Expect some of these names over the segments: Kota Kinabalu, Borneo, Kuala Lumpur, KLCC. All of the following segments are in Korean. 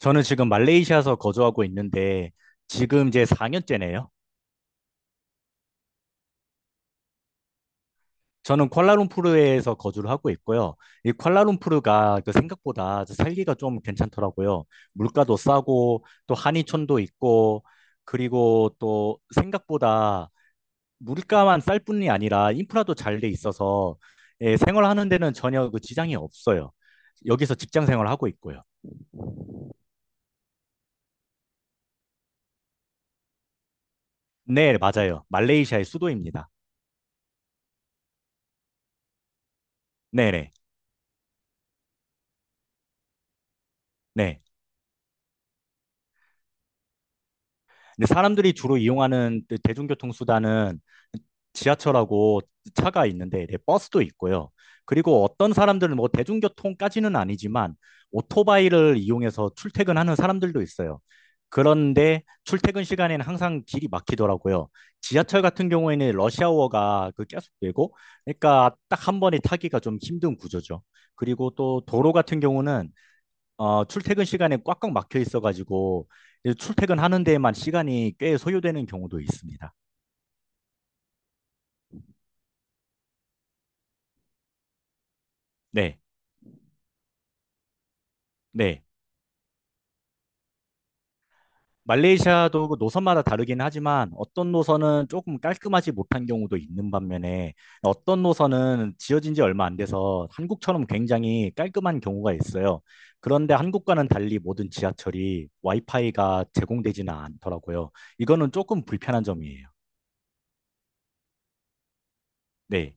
저는 지금 말레이시아에서 거주하고 있는데 지금 이제 4년째네요. 저는 쿠알라룸푸르에서 거주를 하고 있고요. 이 쿠알라룸푸르가 그 생각보다 살기가 좀 괜찮더라고요. 물가도 싸고 또 한의촌도 있고 그리고 또 생각보다 물가만 쌀 뿐이 아니라 인프라도 잘돼 있어서 예, 생활하는 데는 전혀 그 지장이 없어요. 여기서 직장 생활하고 있고요. 네, 맞아요. 말레이시아의 수도입니다. 네네. 네. 네. 근데 사람들이 주로 이용하는 그 대중교통 수단은 지하철하고 차가 있는데 네, 버스도 있고요. 그리고 어떤 사람들은 뭐 대중교통까지는 아니지만 오토바이를 이용해서 출퇴근하는 사람들도 있어요. 그런데 출퇴근 시간에는 항상 길이 막히더라고요. 지하철 같은 경우에는 러시아워가 그 계속되고, 그러니까 딱 한 번에 타기가 좀 힘든 구조죠. 그리고 또 도로 같은 경우는 출퇴근 시간에 꽉꽉 막혀 있어가지고 이제 출퇴근하는 데에만 시간이 꽤 소요되는 경우도 있습니다. 네, 네. 말레이시아도 그 노선마다 다르긴 하지만 어떤 노선은 조금 깔끔하지 못한 경우도 있는 반면에 어떤 노선은 지어진 지 얼마 안 돼서 한국처럼 굉장히 깔끔한 경우가 있어요. 그런데 한국과는 달리 모든 지하철이 와이파이가 제공되지는 않더라고요. 이거는 조금 불편한 점이에요. 네.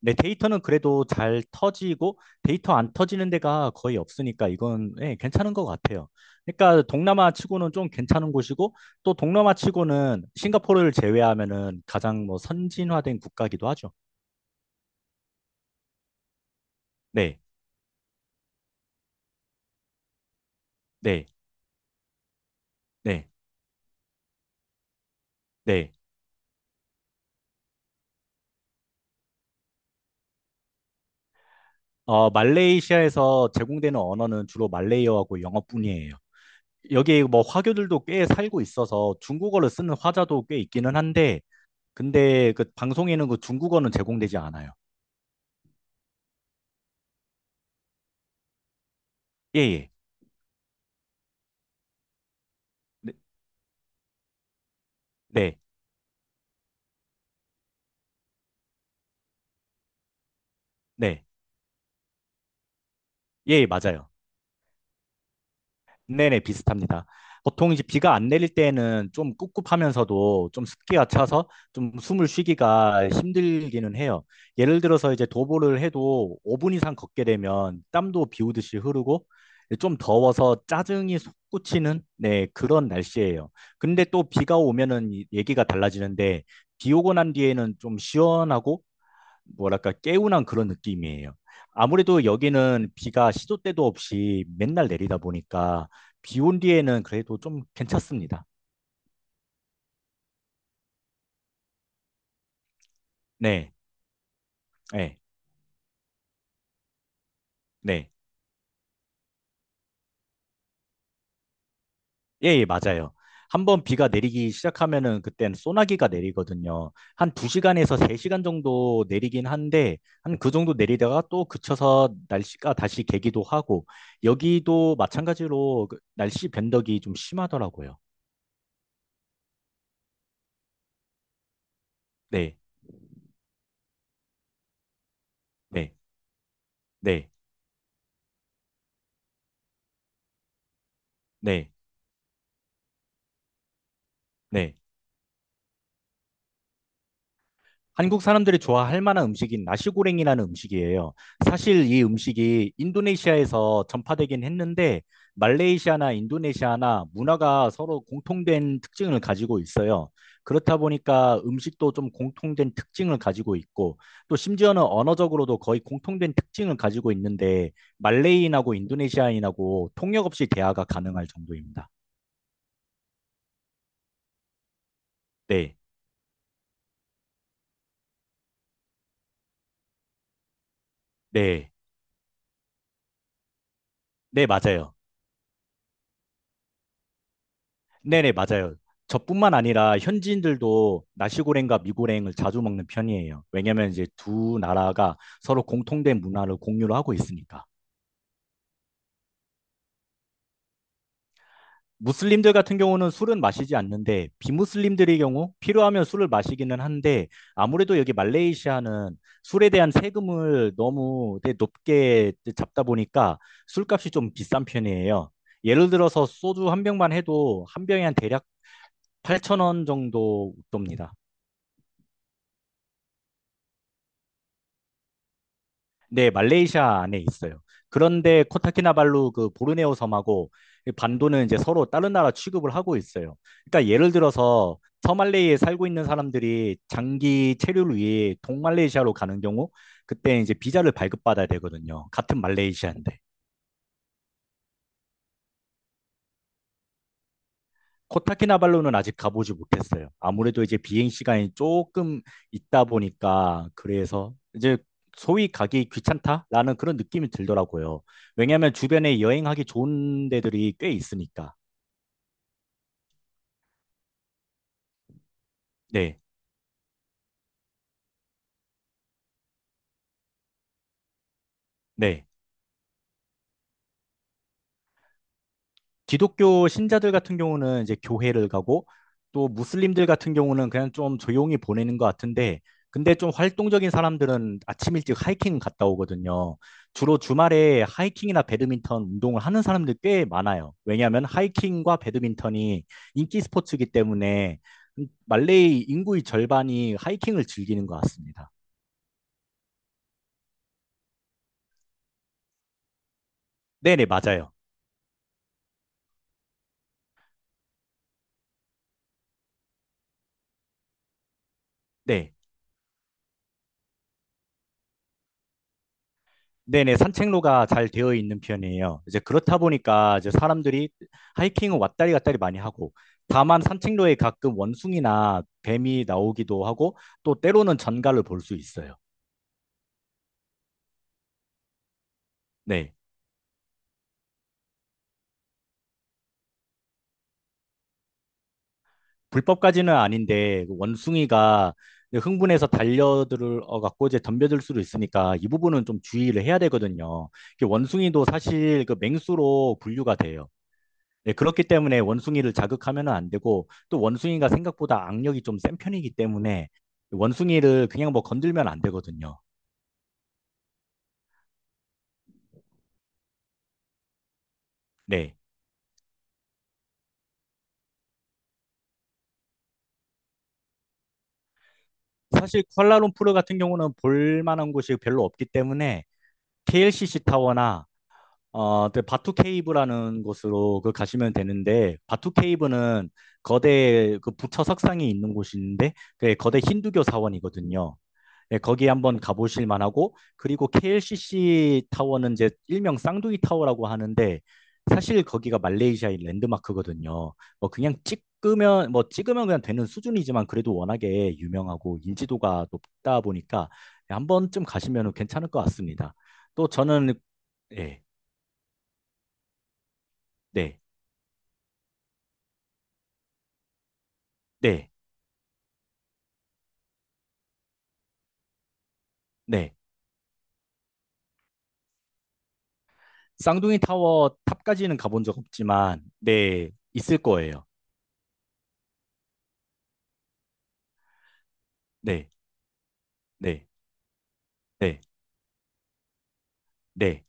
네, 데이터는 그래도 잘 터지고 데이터 안 터지는 데가 거의 없으니까 이건 예, 괜찮은 것 같아요. 그러니까 동남아 치고는 좀 괜찮은 곳이고 또 동남아 치고는 싱가포르를 제외하면은 가장 뭐 선진화된 국가기도 하죠. 네, 네, 네, 네. 말레이시아에서 제공되는 언어는 주로 말레이어하고 영어뿐이에요. 여기 뭐 화교들도 꽤 살고 있어서 중국어를 쓰는 화자도 꽤 있기는 한데 근데 그 방송에는 그 중국어는 제공되지 않아요. 예, 예. 네. 네. 네, 예, 맞아요. 네네, 비슷합니다. 보통 이제 비가 안 내릴 때는 좀 꿉꿉하면서도 좀 습기가 차서 좀 숨을 쉬기가 힘들기는 해요. 예를 들어서 이제 도보를 해도 5분 이상 걷게 되면 땀도 비 오듯이 흐르고 좀 더워서 짜증이 솟구치는 네, 그런 날씨예요. 근데 또 비가 오면은 얘기가 달라지는데 비 오고 난 뒤에는 좀 시원하고 뭐랄까 개운한 그런 느낌이에요. 아무래도 여기는 비가 시도 때도 없이 맨날 내리다 보니까 비 온 뒤에는 그래도 좀 괜찮습니다. 네, 네, 네, 예, 예, 맞아요. 한번 비가 내리기 시작하면은 그땐 소나기가 내리거든요. 한 2시간에서 3시간 정도 내리긴 한데 한 그 정도 내리다가 또 그쳐서 날씨가 다시 개기도 하고 여기도 마찬가지로 그 날씨 변덕이 좀 심하더라고요. 네, 네, 네, 네, 네. 한국 사람들이 좋아할 만한 음식인 나시고랭이라는 음식이에요. 사실 이 음식이 인도네시아에서 전파되긴 했는데 말레이시아나 인도네시아나 문화가 서로 공통된 특징을 가지고 있어요. 그렇다 보니까 음식도 좀 공통된 특징을 가지고 있고 또 심지어는 언어적으로도 거의 공통된 특징을 가지고 있는데 말레이인하고 인도네시아인하고 통역 없이 대화가 가능할 정도입니다. 네, 네, 네, 맞아요. 네네, 맞아요. 저뿐만 아니라 현지인들도 나시고랭과 미고랭을 자주 먹는 편이에요. 왜냐면 이제 두 나라가 서로 공통된 문화를 공유를 하고 있으니까. 무슬림들 같은 경우는 술은 마시지 않는데 비무슬림들의 경우 필요하면 술을 마시기는 한데 아무래도 여기 말레이시아는 술에 대한 세금을 너무 되게 높게 잡다 보니까 술값이 좀 비싼 편이에요. 예를 들어서 소주 한 병만 해도 한 병에 한 대략 8천 원 정도 돕니다. 네, 말레이시아 안에 있어요. 그런데 코타키나발루 그 보르네오 섬하고 이 반도는 이제 서로 다른 나라 취급을 하고 있어요. 그러니까 예를 들어서 서말레이에 살고 있는 사람들이 장기 체류를 위해 동말레이시아로 가는 경우 그때 이제 비자를 발급받아야 되거든요. 같은 말레이시아인데. 코타키나발루는 아직 가보지 못했어요. 아무래도 이제 비행 시간이 조금 있다 보니까 그래서 이제 소위 가기 귀찮다라는 그런 느낌이 들더라고요. 왜냐하면 주변에 여행하기 좋은 데들이 꽤 있으니까. 네, 네. 기독교 신자들 같은 경우는 이제 교회를 가고 또 무슬림들 같은 경우는 그냥 좀 조용히 보내는 것 같은데 근데 좀 활동적인 사람들은 아침 일찍 하이킹 갔다 오거든요. 주로 주말에 하이킹이나 배드민턴 운동을 하는 사람들 꽤 많아요. 왜냐하면 하이킹과 배드민턴이 인기 스포츠이기 때문에 말레이 인구의 절반이 하이킹을 즐기는 것 같습니다. 네네, 맞아요. 네. 네네, 산책로가 잘 되어 있는 편이에요. 이제 그렇다 보니까 이제 사람들이 하이킹은 왔다리 갔다리 많이 하고, 다만 산책로에 가끔 원숭이나 뱀이 나오기도 하고, 또 때로는 전갈을 볼 수 있어요. 네. 불법까지는 아닌데, 그 원숭이가 흥분해서 달려들어 갖고 이제 덤벼들 수도 있으니까 이 부분은 좀 주의를 해야 되거든요. 이게 원숭이도 사실 그 맹수로 분류가 돼요. 네, 그렇기 때문에 원숭이를 자극하면 안 되고, 또 원숭이가 생각보다 악력이 좀 센 편이기 때문에 원숭이를 그냥 뭐 건들면 안 되거든요. 네. 사실 쿠알라룸푸르 같은 경우는 볼 만한 곳이 별로 없기 때문에 KLCC 타워나 그 바투 케이브라는 곳으로 그 가시면 되는데 바투 케이브는 거대 그 부처 석상이 있는 곳인데 그 거대 힌두교 사원이거든요. 네, 거기 한번 가보실 만하고 그리고 KLCC 타워는 이제 일명 쌍둥이 타워라고 하는데 사실 거기가 말레이시아의 랜드마크거든요. 뭐 그냥 찍으면 그냥 되는 수준이지만 그래도 워낙에 유명하고 인지도가 높다 보니까 한 번쯤 가시면 괜찮을 것 같습니다. 또 저는 네, 네, 네, 네. 쌍둥이 타워 탑까지는 가본 적 없지만 네, 있을 거예요. 네, 네, 네, 네.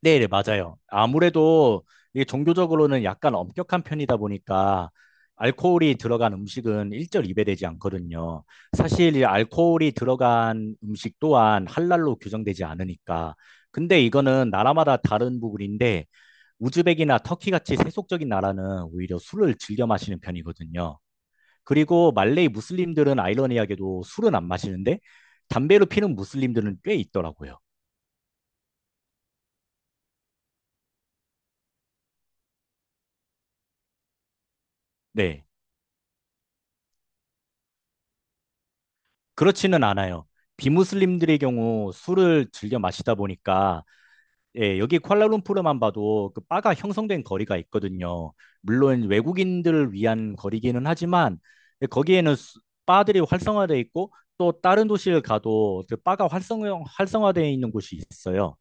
네, 네, 맞아요. 아무래도 이게 종교적으로는 약간 엄격한 편이다 보니까 알코올이 들어간 음식은 일절 입에되지 않거든요. 사실 이 알코올이 들어간 음식 또한 할랄로 규정되지 않으니까. 근데 이거는 나라마다 다른 부분인데 우즈벡이나 터키 같이 세속적인 나라는 오히려 술을 즐겨 마시는 편이거든요. 그리고 말레이 무슬림들은 아이러니하게도 술은 안 마시는데 담배로 피는 무슬림들은 꽤 있더라고요. 네. 그렇지는 않아요. 비무슬림들의 경우 술을 즐겨 마시다 보니까 예, 여기 쿠알라룸푸르만 봐도 그 바가 형성된 거리가 있거든요. 물론 외국인들을 위한 거리기는 하지만 예, 거기에는 바들이 활성화돼 있고 또 다른 도시를 가도 그 바가 활성화되어 있는 곳이 있어요.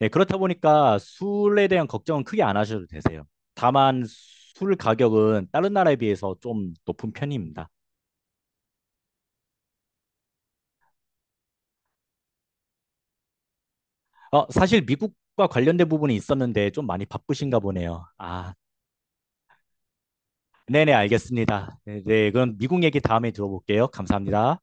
예, 그렇다 보니까 술에 대한 걱정은 크게 안 하셔도 되세요. 다만 술 가격은 다른 나라에 비해서 좀 높은 편입니다. 사실 미국과 관련된 부분이 있었는데 좀 많이 바쁘신가 보네요. 아, 네네, 알겠습니다. 네, 네, 그럼 미국 얘기 다음에 들어볼게요. 감사합니다.